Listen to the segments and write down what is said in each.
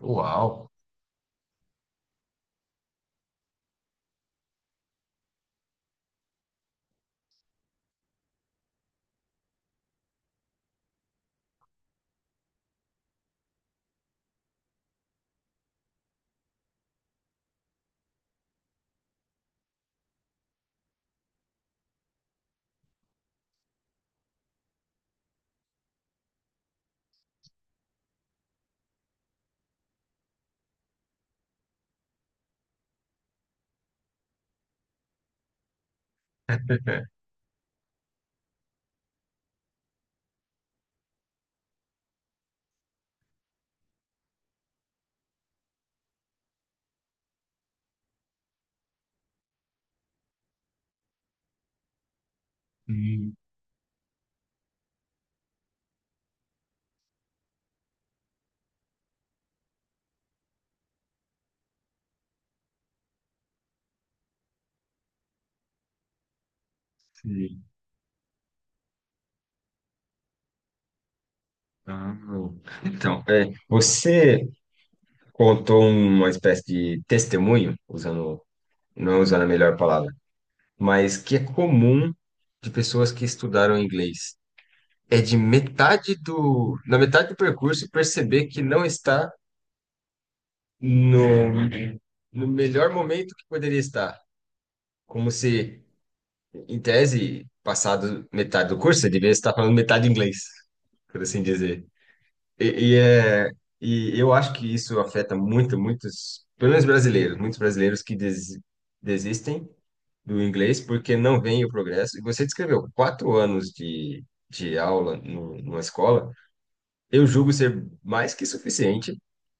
Uau! Sim, sim. Amo. Então, é, você contou uma espécie de testemunho, usando, não usando a melhor palavra, mas que é comum de pessoas que estudaram inglês. É na metade do percurso perceber que não está no, no melhor momento que poderia estar. Como se, em tese, passado metade do curso, você deveria estar falando metade inglês, por assim dizer. E, e é, e eu acho que isso afeta muitos, pelo menos brasileiros, muitos brasileiros que desistem do inglês porque não veem o progresso. E você descreveu quatro anos de aula no, numa escola, eu julgo ser mais que suficiente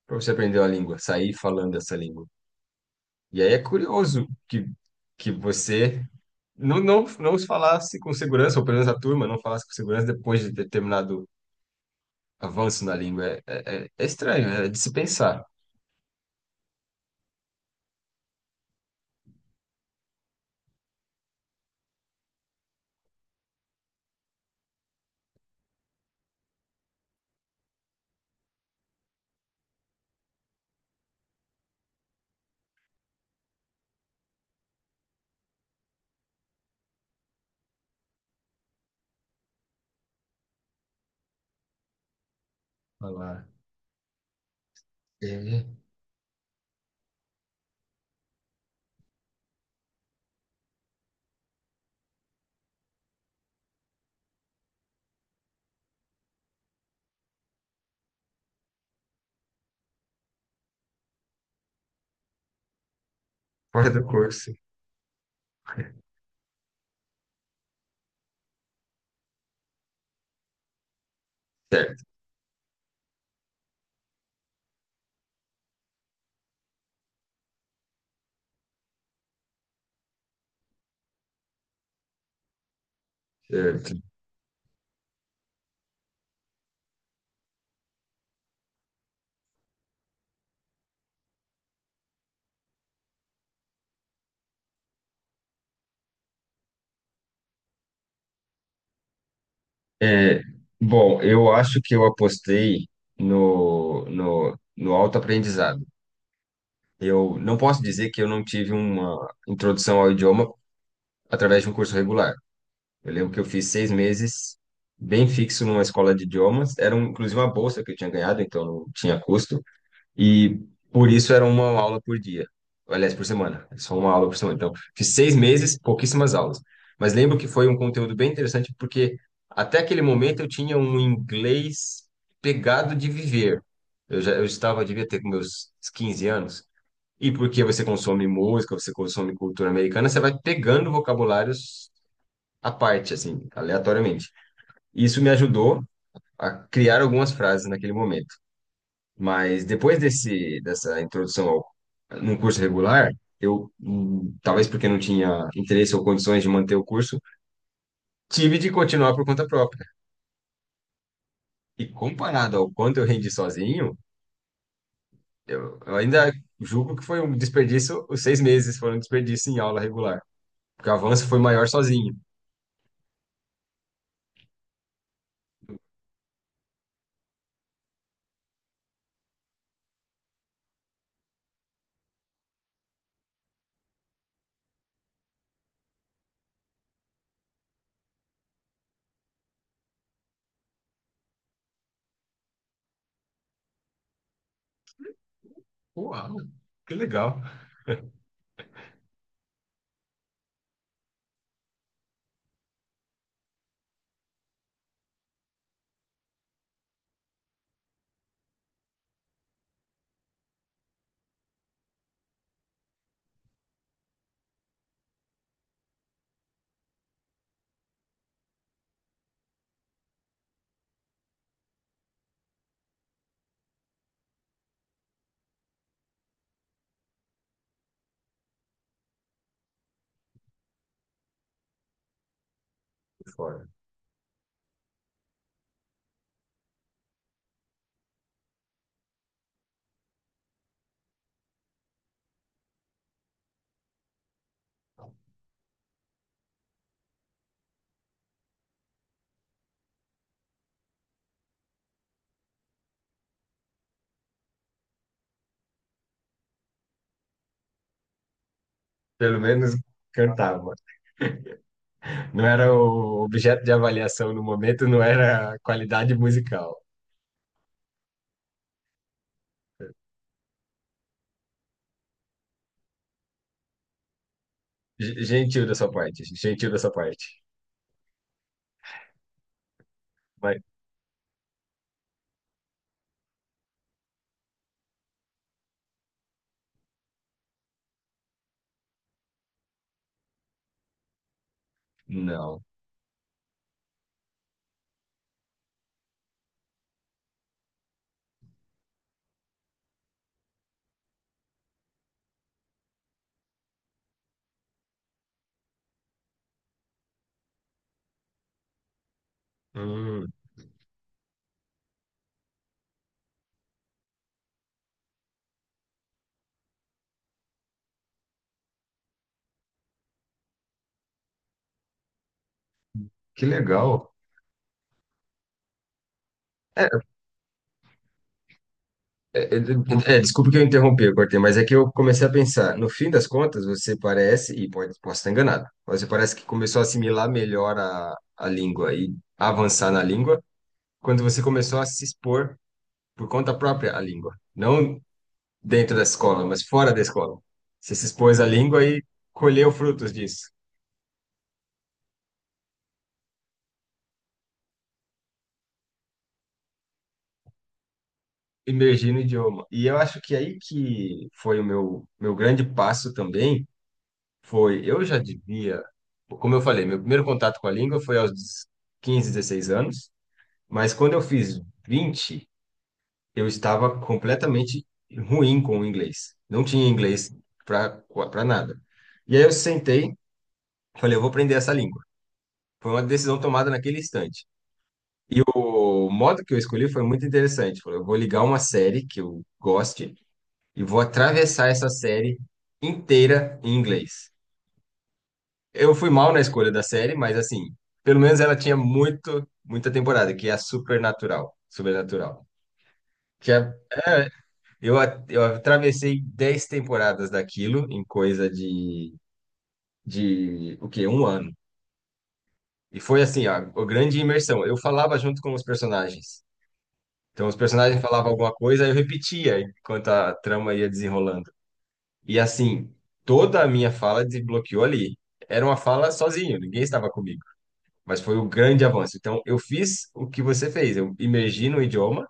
para você aprender uma língua, sair falando essa língua. E aí é curioso que você não, não, não falasse com segurança, ou pelo menos a turma não falasse com segurança depois de determinado avanço na língua. É estranho, é de se pensar. Falar. É, fora do curso. Certo, certo. É, bom, eu acho que eu apostei no autoaprendizado. Eu não posso dizer que eu não tive uma introdução ao idioma através de um curso regular. Eu lembro que eu fiz 6 meses bem fixo numa escola de idiomas. Era, um, inclusive, uma bolsa que eu tinha ganhado, então não tinha custo. E por isso era uma aula por dia. Aliás, por semana. É só uma aula por semana. Então, fiz 6 meses, pouquíssimas aulas. Mas lembro que foi um conteúdo bem interessante, porque até aquele momento eu tinha um inglês pegado de viver. Eu estava, devia ter com meus 15 anos. E porque você consome música, você consome cultura americana, você vai pegando vocabulários à parte, assim, aleatoriamente. Isso me ajudou a criar algumas frases naquele momento. Mas depois dessa introdução no curso regular, talvez porque não tinha interesse ou condições de manter o curso, tive de continuar por conta própria. E comparado ao quanto eu rendi sozinho, eu ainda julgo que foi um desperdício, os 6 meses foram um desperdício em aula regular, porque o avanço foi maior sozinho. Uau, que legal. Fora. Pelo menos cantava. Não era o objeto de avaliação no momento, não era qualidade musical. Gentil da sua parte, gentil da sua parte. Mas, não. Hum, que legal. É, é, é, desculpa que eu interrompi, eu cortei, mas é que eu comecei a pensar. No fim das contas, você parece, e posso estar enganado, mas você parece que começou a assimilar melhor a língua e avançar na língua quando você começou a se expor por conta própria à língua. Não dentro da escola, mas fora da escola. Você se expôs à língua e colheu frutos disso. Imergir no idioma. E eu acho que aí que foi o meu grande passo também, foi, eu já devia, como eu falei, meu primeiro contato com a língua foi aos 15, 16 anos, mas quando eu fiz 20 eu estava completamente ruim com o inglês. Não tinha inglês para para nada. E aí eu sentei, falei, eu vou aprender essa língua. Foi uma decisão tomada naquele instante. E o modo que eu escolhi foi muito interessante. Falei, eu vou ligar uma série que eu goste e vou atravessar essa série inteira em inglês. Eu fui mal na escolha da série, mas assim, pelo menos ela tinha muita temporada, que é a Supernatural, Supernatural. Que é, é, eu, a- eu atravessei 10 temporadas daquilo em coisa de o quê? Um ano. E foi assim, ó, a grande imersão. Eu falava junto com os personagens. Então, os personagens falavam alguma coisa, eu repetia enquanto a trama ia desenrolando. E assim, toda a minha fala desbloqueou ali. Era uma fala sozinho, ninguém estava comigo. Mas foi o grande avanço. Então, eu fiz o que você fez. Eu imergi no idioma,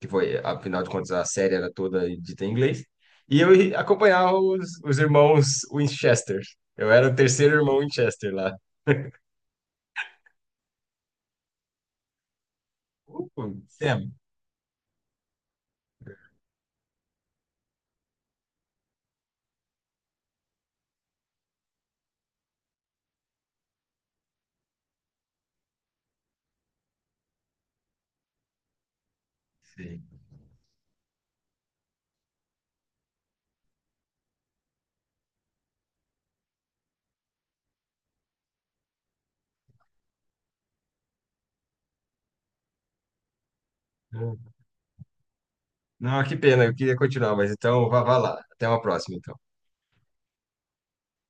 que foi, afinal de contas, a série era toda dita em inglês. E eu acompanhava os irmãos Winchester. Eu era o terceiro irmão Winchester lá. Sam. Sim. Não, que pena, eu queria continuar, mas então vá, vá lá. Até uma próxima, então.